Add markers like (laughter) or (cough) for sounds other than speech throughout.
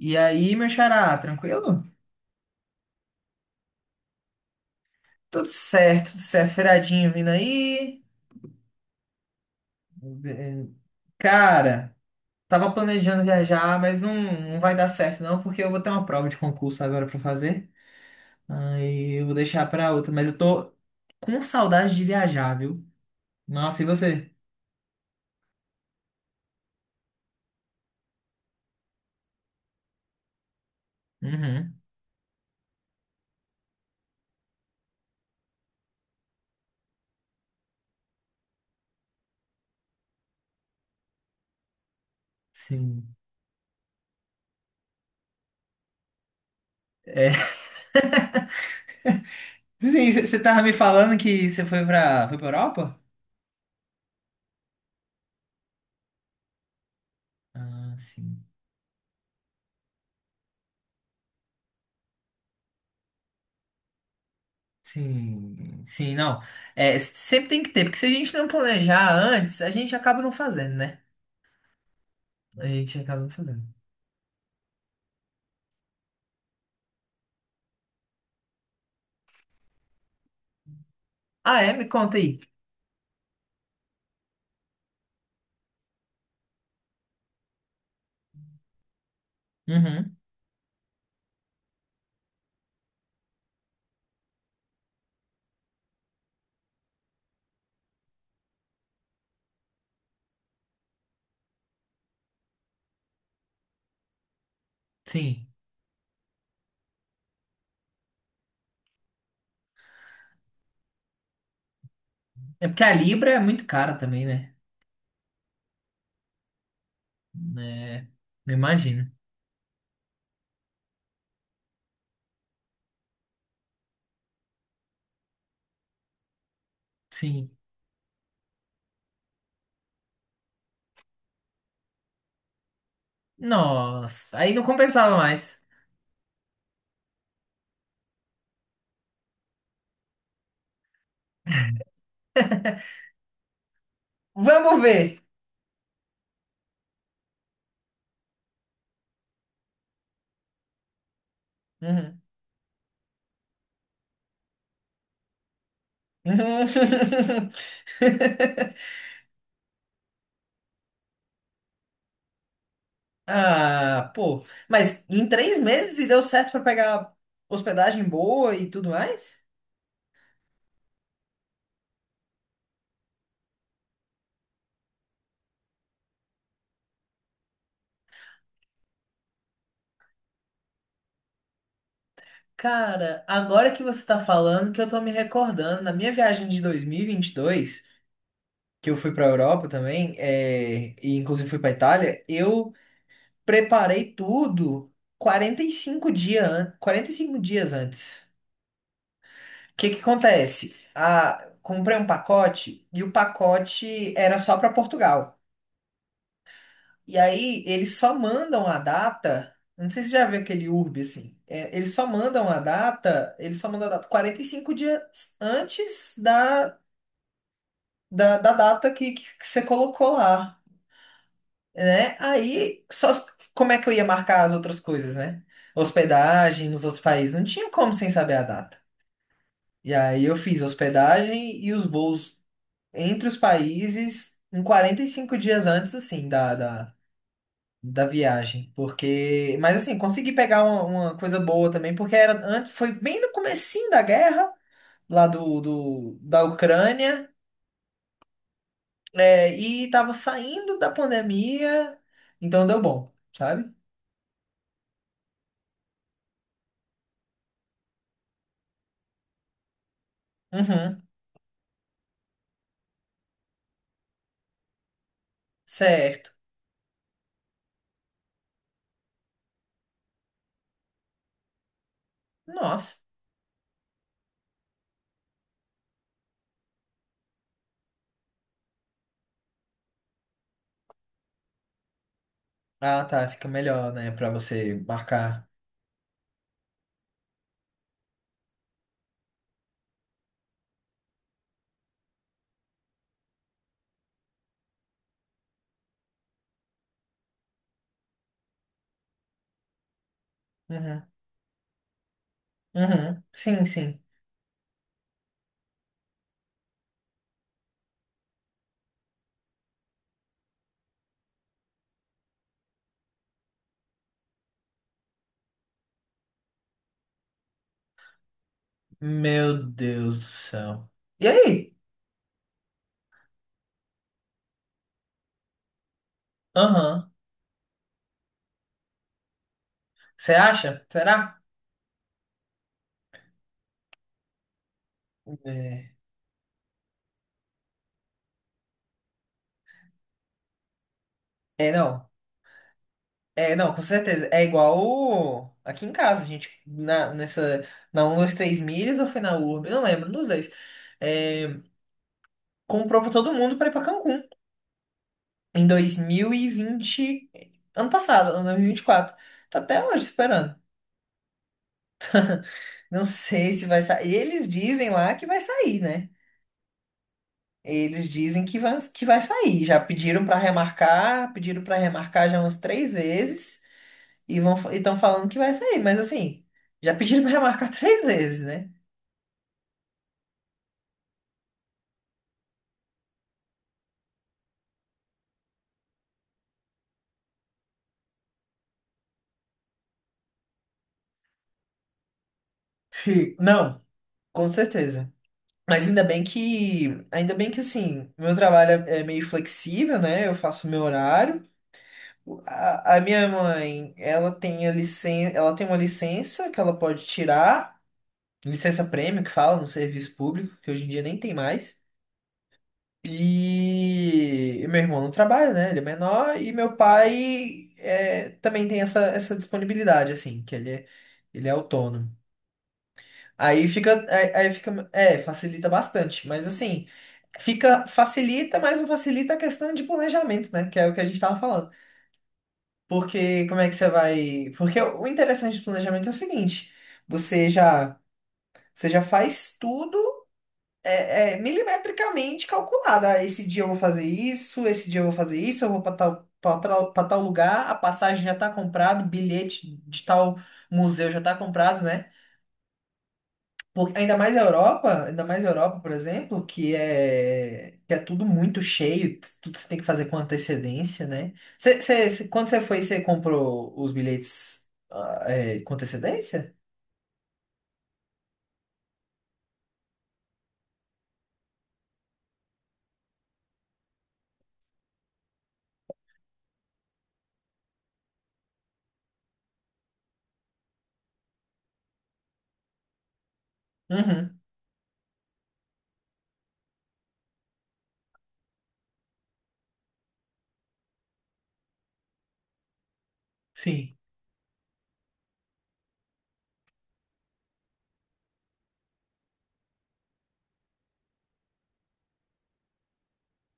E aí, meu xará, tranquilo? Tudo certo, tudo certo. Feriadinho vindo aí. Eh, Cara, tava planejando viajar, não vai dar certo não, porque eu vou ter uma prova de concurso agora pra fazer. Aí eu vou deixar pra outra, mas eu tô com saudade de viajar, viu? Nossa, e você? Uhum, sim. É. (laughs) Sim, você tava me falando que foi pra Europa? Ah, sim. Sim, sim, não. É, sempre tem que ter, porque se a gente não planejar antes, a gente acaba não fazendo, né? A gente acaba não fazendo. Ah, é? Me conta aí. Uhum, sim. É porque a Libra é muito cara também, né? É, eu imagino. Sim. Nossa, aí não compensava mais. Vamos ver. Uhum. (laughs) Ah, pô. Mas em três meses e deu certo pra pegar hospedagem boa e tudo mais? Cara, agora que você tá falando, que eu tô me recordando, na minha viagem de 2022, que eu fui pra Europa também, é, e inclusive fui pra Itália, eu preparei tudo 45 dias antes. O que que acontece? Ah, comprei um pacote e o pacote era só pra Portugal. E aí eles só mandam a data. Não sei se você já viu aquele urbe assim. É, eles só mandam a data. Eles só mandam a data 45 dias antes da data que você colocou lá, né? Aí só como é que eu ia marcar as outras coisas, né? Hospedagem nos outros países. Não tinha como sem saber a data. E aí eu fiz hospedagem e os voos entre os países em 45 dias antes, assim, da viagem, porque, mas assim, consegui pegar uma coisa boa também, porque era antes, foi bem no comecinho da guerra, lá do, do da Ucrânia, é, e tava saindo da pandemia, então deu bom, sabe? Uhum, certo. Nossa. Ah, tá, fica melhor, né, pra você marcar. Uhum, uhum, sim, sim. Meu Deus do céu. E aí? Aham. Você acha? Será? É, é, não. É, não, com certeza. É igual o- aqui em casa, a gente na, nessa, na 1, 2, 3 milhas ou foi na Urb, não lembro, nos dois. É, comprou pra todo mundo pra ir pra Cancún em 2020 ano passado, ano 2024. Tá até hoje esperando. Não sei se vai sair. Eles dizem lá que vai sair, né? Eles dizem que vai sair. Já pediram pra remarcar já umas três vezes e vão, estão falando que vai sair, mas assim, já pediram pra remarcar (laughs) três vezes, né? (laughs) Não, com certeza. Mas ainda bem que assim, meu trabalho é meio flexível, né? Eu faço o meu horário. A minha mãe, ela tem a licença, ela tem uma licença que ela pode tirar, licença prêmio que fala no serviço público, que hoje em dia nem tem mais. E, meu irmão não trabalha, né? Ele é menor e meu pai é, também tem essa disponibilidade assim, que ele é autônomo. Aí fica, é, facilita bastante, mas assim, fica, facilita, mas não facilita a questão de planejamento, né? Que é o que a gente tava falando. Porque como é que você vai? Porque o interessante do planejamento é o seguinte, você já, você já faz tudo é, é, milimetricamente calculado. Ah, esse dia eu vou fazer isso, esse dia eu vou fazer isso, eu vou para tal, para tal, para tal lugar, a passagem já tá comprada, o bilhete de tal museu já tá comprado, né? Porque, ainda mais a Europa, ainda mais a Europa, por exemplo, que é tudo muito cheio, tudo você tem que fazer com antecedência, né? Quando você foi, você comprou os bilhetes ah, é, com antecedência? Uhum, sim.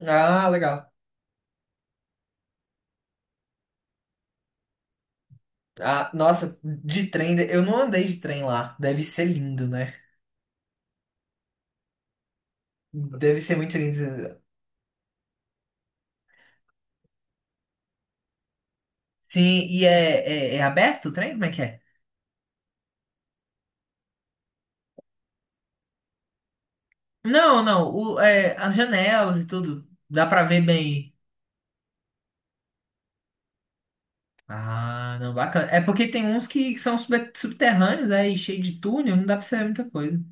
Ah, legal. Ah, nossa, de trem, eu não andei de trem lá. Deve ser lindo, né? Deve ser muito lindo. Sim, e é, é, é aberto o trem? Como é que é? Não, é, as janelas e tudo, dá pra ver bem. Ah, não, bacana. É porque tem uns que são subterrâneos aí, cheio de túnel, não dá pra ser muita coisa.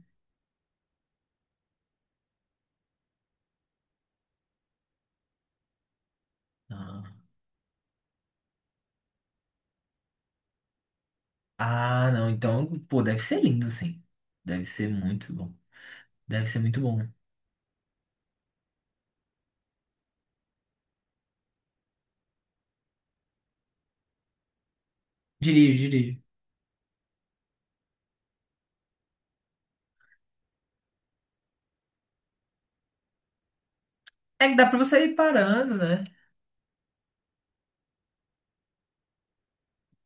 Ah, Ah, não, então, pô, deve ser lindo, sim. Deve ser muito bom. Deve ser muito bom. Dirijo, dirijo. É que dá pra você ir parando, né?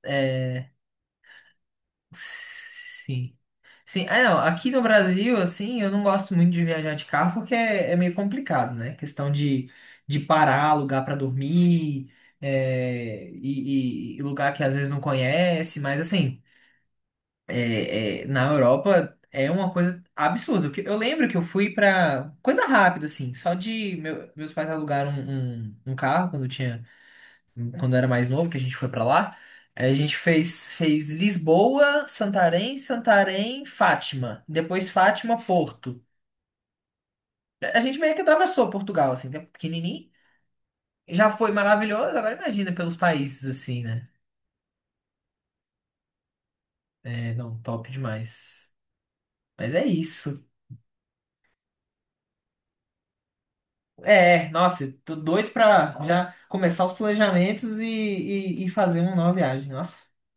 É. Sim. Sim, é, não, aqui no Brasil, assim, eu não gosto muito de viajar de carro porque é, é meio complicado, né? De parar, lugar pra dormir, é, e lugar que às vezes não conhece, mas assim. É, é, na Europa é uma coisa absurda. Porque eu lembro que eu fui pra coisa rápida, assim, meus pais alugaram um carro quando eu tinha, quando eu era mais novo, que a gente foi pra lá. Aí a gente fez Lisboa, Santarém, Santarém, Fátima. Depois Fátima, Porto. A gente meio que atravessou Portugal, assim, que é pequenininho. Já foi maravilhoso, agora imagina pelos países, assim, né? É, não, top demais. Mas é isso. É, nossa, tô doido pra já começar os planejamentos e fazer uma nova viagem. Nossa. (laughs)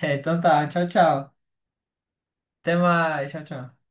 É, então tá, tchau, tchau. Até mais, tchau, tchau.